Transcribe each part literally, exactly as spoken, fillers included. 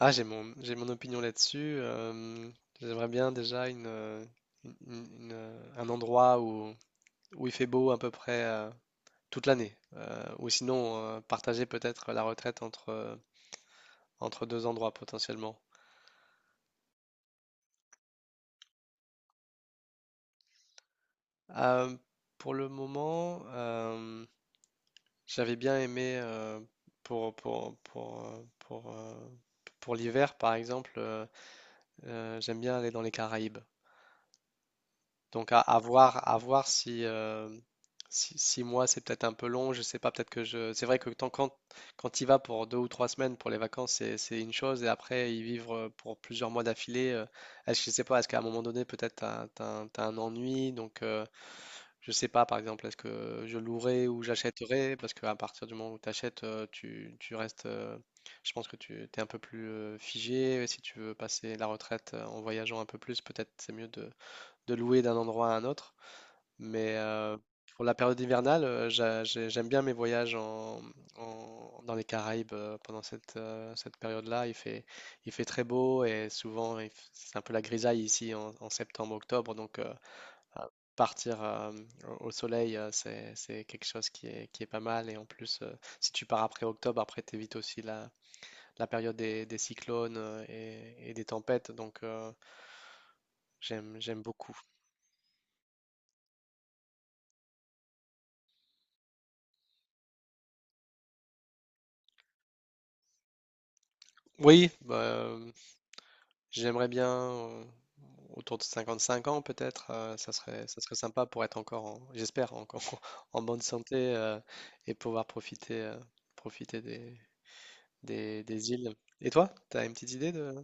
Ah, j'ai mon, j'ai mon opinion là-dessus. Euh, j'aimerais bien déjà une, euh, une- une- une, euh, un endroit où, où il fait beau à peu près euh, toute l'année. Euh, ou sinon, euh, partager peut-être la retraite entre, euh, entre deux endroits potentiellement. Euh, pour le moment, euh, j'avais bien aimé euh, pour, pour, pour, euh, pour, euh, pour l'hiver, par exemple, euh, euh, j'aime bien aller dans les Caraïbes. Donc à, à voir, à voir si, euh, si six mois c'est peut-être un peu long, je sais pas, peut-être que je. C'est vrai que tant- quand quand il va pour deux ou trois semaines pour les vacances, c'est c'est une chose, et après y vivre euh, pour plusieurs mois d'affilée, euh, est-ce que je sais pas, est-ce qu'à un moment donné peut-être t'as, t'as un t'as un ennui, donc euh, je sais pas par exemple, est-ce que je louerai ou j'achèterai, parce qu'à partir du moment où t'achètes, euh, tu tu restes, euh, je pense que tu t'es un peu plus euh, figé, si tu veux passer la retraite euh, en voyageant un peu plus, peut-être c'est mieux de de louer d'un endroit à un autre. Mais euh, pour la période hivernale, euh, j'a- j'ai- j'aime bien mes voyages en, en- dans les Caraïbes euh, pendant cette, euh, cette période-là. Il fait, il fait très beau et souvent il f- c'est un peu la grisaille ici en, en septembre-octobre. Donc euh, euh, partir euh, au au soleil, euh, c'est, c'est quelque chose qui est, qui est pas mal. Et en plus, euh, si tu pars après octobre, après t'évites aussi la, la période des, des cyclones euh, et, et des tempêtes. Donc euh, j'aime, j'aime beaucoup. Oui, bah, j'aimerais bien euh, autour de cinquante-cinq ans peut-être, euh, ça serait, ça serait sympa pour être encore, en- j'espère, encore en bonne santé euh, et pouvoir profiter, euh, profiter des, des, des îles. Et toi, tu as une petite idée de…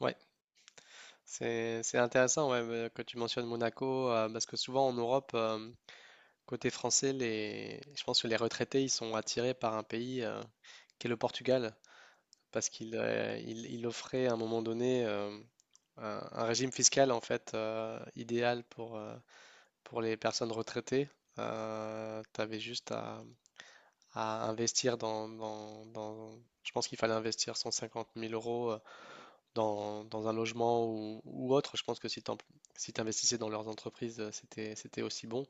Ouais, c'est, c'est intéressant ouais, euh, que tu mentionnes Monaco, euh, parce que souvent en Europe, euh, côté français, les, je pense que les retraités, ils sont attirés par un pays euh, qui est le Portugal. Parce qu'il euh, il, il offrait à un moment donné euh, un, un régime fiscal en fait euh, idéal pour, euh, pour les personnes retraitées. Tu avais juste à, à investir dans, dans- dans- Je pense qu'il fallait investir cent cinquante mille euros euh, dans, dans un logement ou, ou autre. Je pense que si tu si t'investissais dans leurs entreprises, euh, c'était, c'était aussi bon.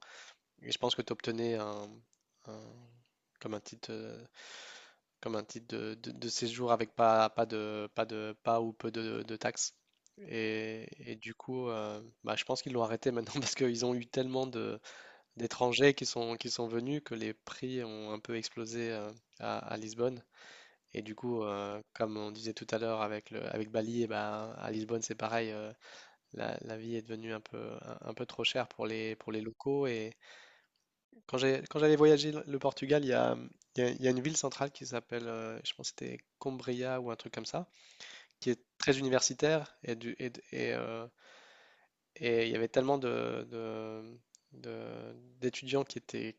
Et je pense que tu obtenais un, un- comme un titre euh, comme un titre de, de, de séjour avec pas, pas de, pas de, pas ou peu de, de taxes. Et, et du coup, euh, bah, je pense qu'ils l'ont arrêté maintenant parce qu'ils ont eu tellement de, d'étrangers qui sont, qui sont venus que les prix ont un peu explosé euh, à, à Lisbonne. Et du coup, euh, comme on disait tout à l'heure avec le, avec Bali, et ben, à Lisbonne, c'est pareil, euh, la, la vie est devenue un peu, un, un peu trop chère pour les, pour les locaux et, quand j'ai, quand j'allais voyager le le Portugal, il y a, il y a- il y a une ville centrale qui s'appelle, euh, je pense que c'était Coimbra ou un truc comme ça, qui est très universitaire et, du, et, de- et, euh, et il y avait tellement de, de- de- d'étudiants qui étaient,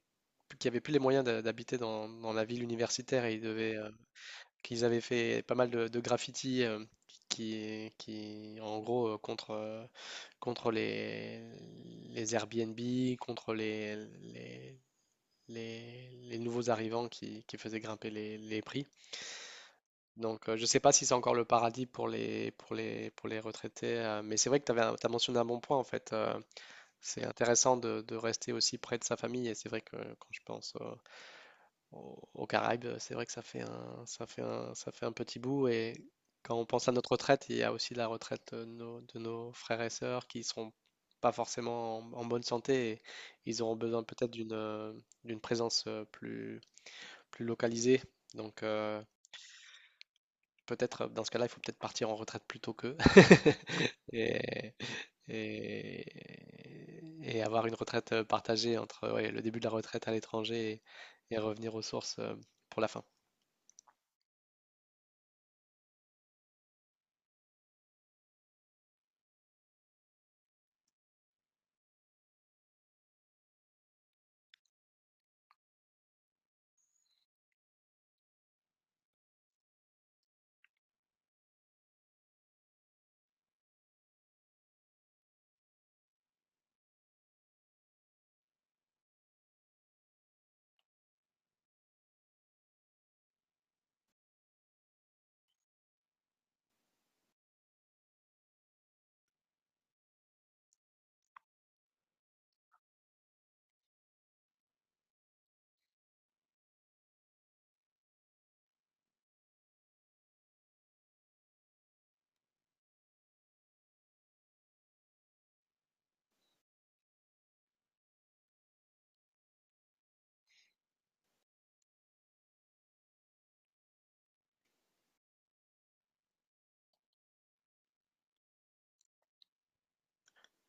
qui avaient plus les moyens d'a- d'habiter dans, dans la ville universitaire et ils devaient, euh, qu'ils avaient fait pas mal de, de graffitis euh, qui, qui, en gros, euh, contre, euh, contre les, les Airbnb, contre les, les les, les nouveaux arrivants qui, qui faisaient grimper les, les prix. Donc, euh, je ne sais pas si c'est encore le paradis pour les, pour les, pour les retraités, euh, mais c'est vrai que tu as mentionné un bon point, en fait. Euh, c'est intéressant de, de rester aussi près de sa famille, et c'est vrai que quand je pense euh, aux, aux Caraïbes, c'est vrai que ça fait un, ça fait un, ça fait un petit bout, et quand on pense à notre retraite, il y a aussi la retraite de nos, de nos frères et sœurs qui seront pas forcément en, en bonne santé, et ils auront besoin peut-être d'une euh, d'une présence euh, plus, plus localisé. Donc euh, peut-être dans ce cas-là, il faut peut-être partir en retraite plus tôt qu'eux et, et, et avoir une retraite euh, partagée entre ouais, le début de la retraite à l'étranger et, et revenir aux sources euh, pour la fin.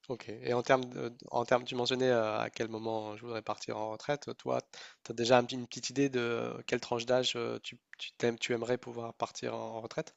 Ok. Et en termes de- en termes, tu mentionnais euh, à quel moment je voudrais partir en retraite. Toi, tu as déjà un petit- une petite idée de quelle tranche d'âge euh, tu, tu t'aimes- tu aimerais pouvoir partir en en retraite?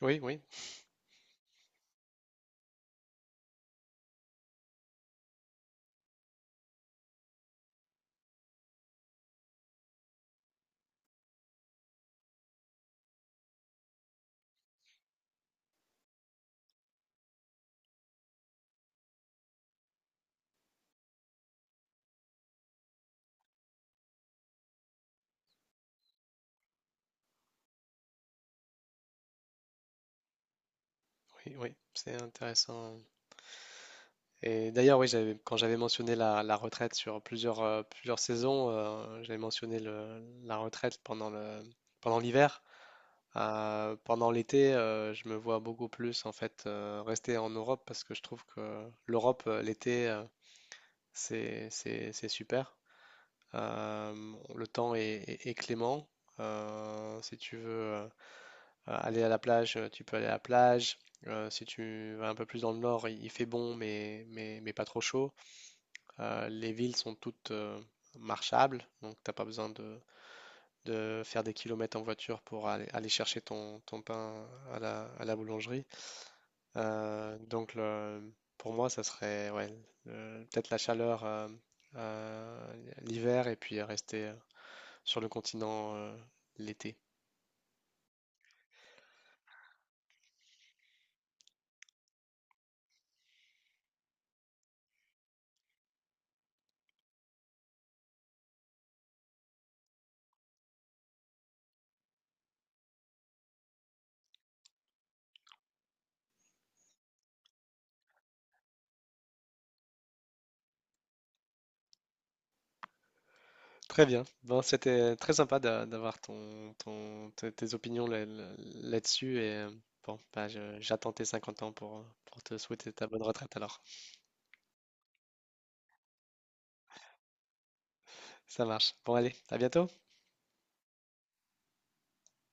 Oui, oui, oui, oui. C'est intéressant. Et d'ailleurs, oui, j'avais, quand j'avais mentionné la, la retraite sur plusieurs, euh, plusieurs saisons, euh, j'avais mentionné le- la retraite pendant le, pendant l'hiver. Euh, pendant l'été, euh, je me vois beaucoup plus en fait euh, rester en Europe parce que je trouve que l'Europe, euh, l'été, euh, c'est, c'est, c'est super. Euh, le temps est, est- est clément. Euh, si tu veux euh, aller à la plage, euh, tu peux aller à la plage. Euh, si tu vas un peu plus dans le nord, il il fait bon, mais, mais, mais pas trop chaud. Euh, les villes sont toutes euh, marchables, donc t'as pas besoin de, de faire des kilomètres en voiture pour aller, aller chercher ton, ton pain à la, à la boulangerie. Euh, donc le- pour moi, ça serait ouais, le- peut-être la chaleur euh, euh, l'hiver et puis rester euh, sur le continent euh, l'été. Très bien. Bon, c'était très sympa d'a- d'avoir ton, ton- tes tes opinions là- là- là-dessus et euh, bon, bah, je- j'attends tes cinquante ans pour, euh, pour te souhaiter ta bonne retraite alors. Ça marche. Bon, allez, à bientôt.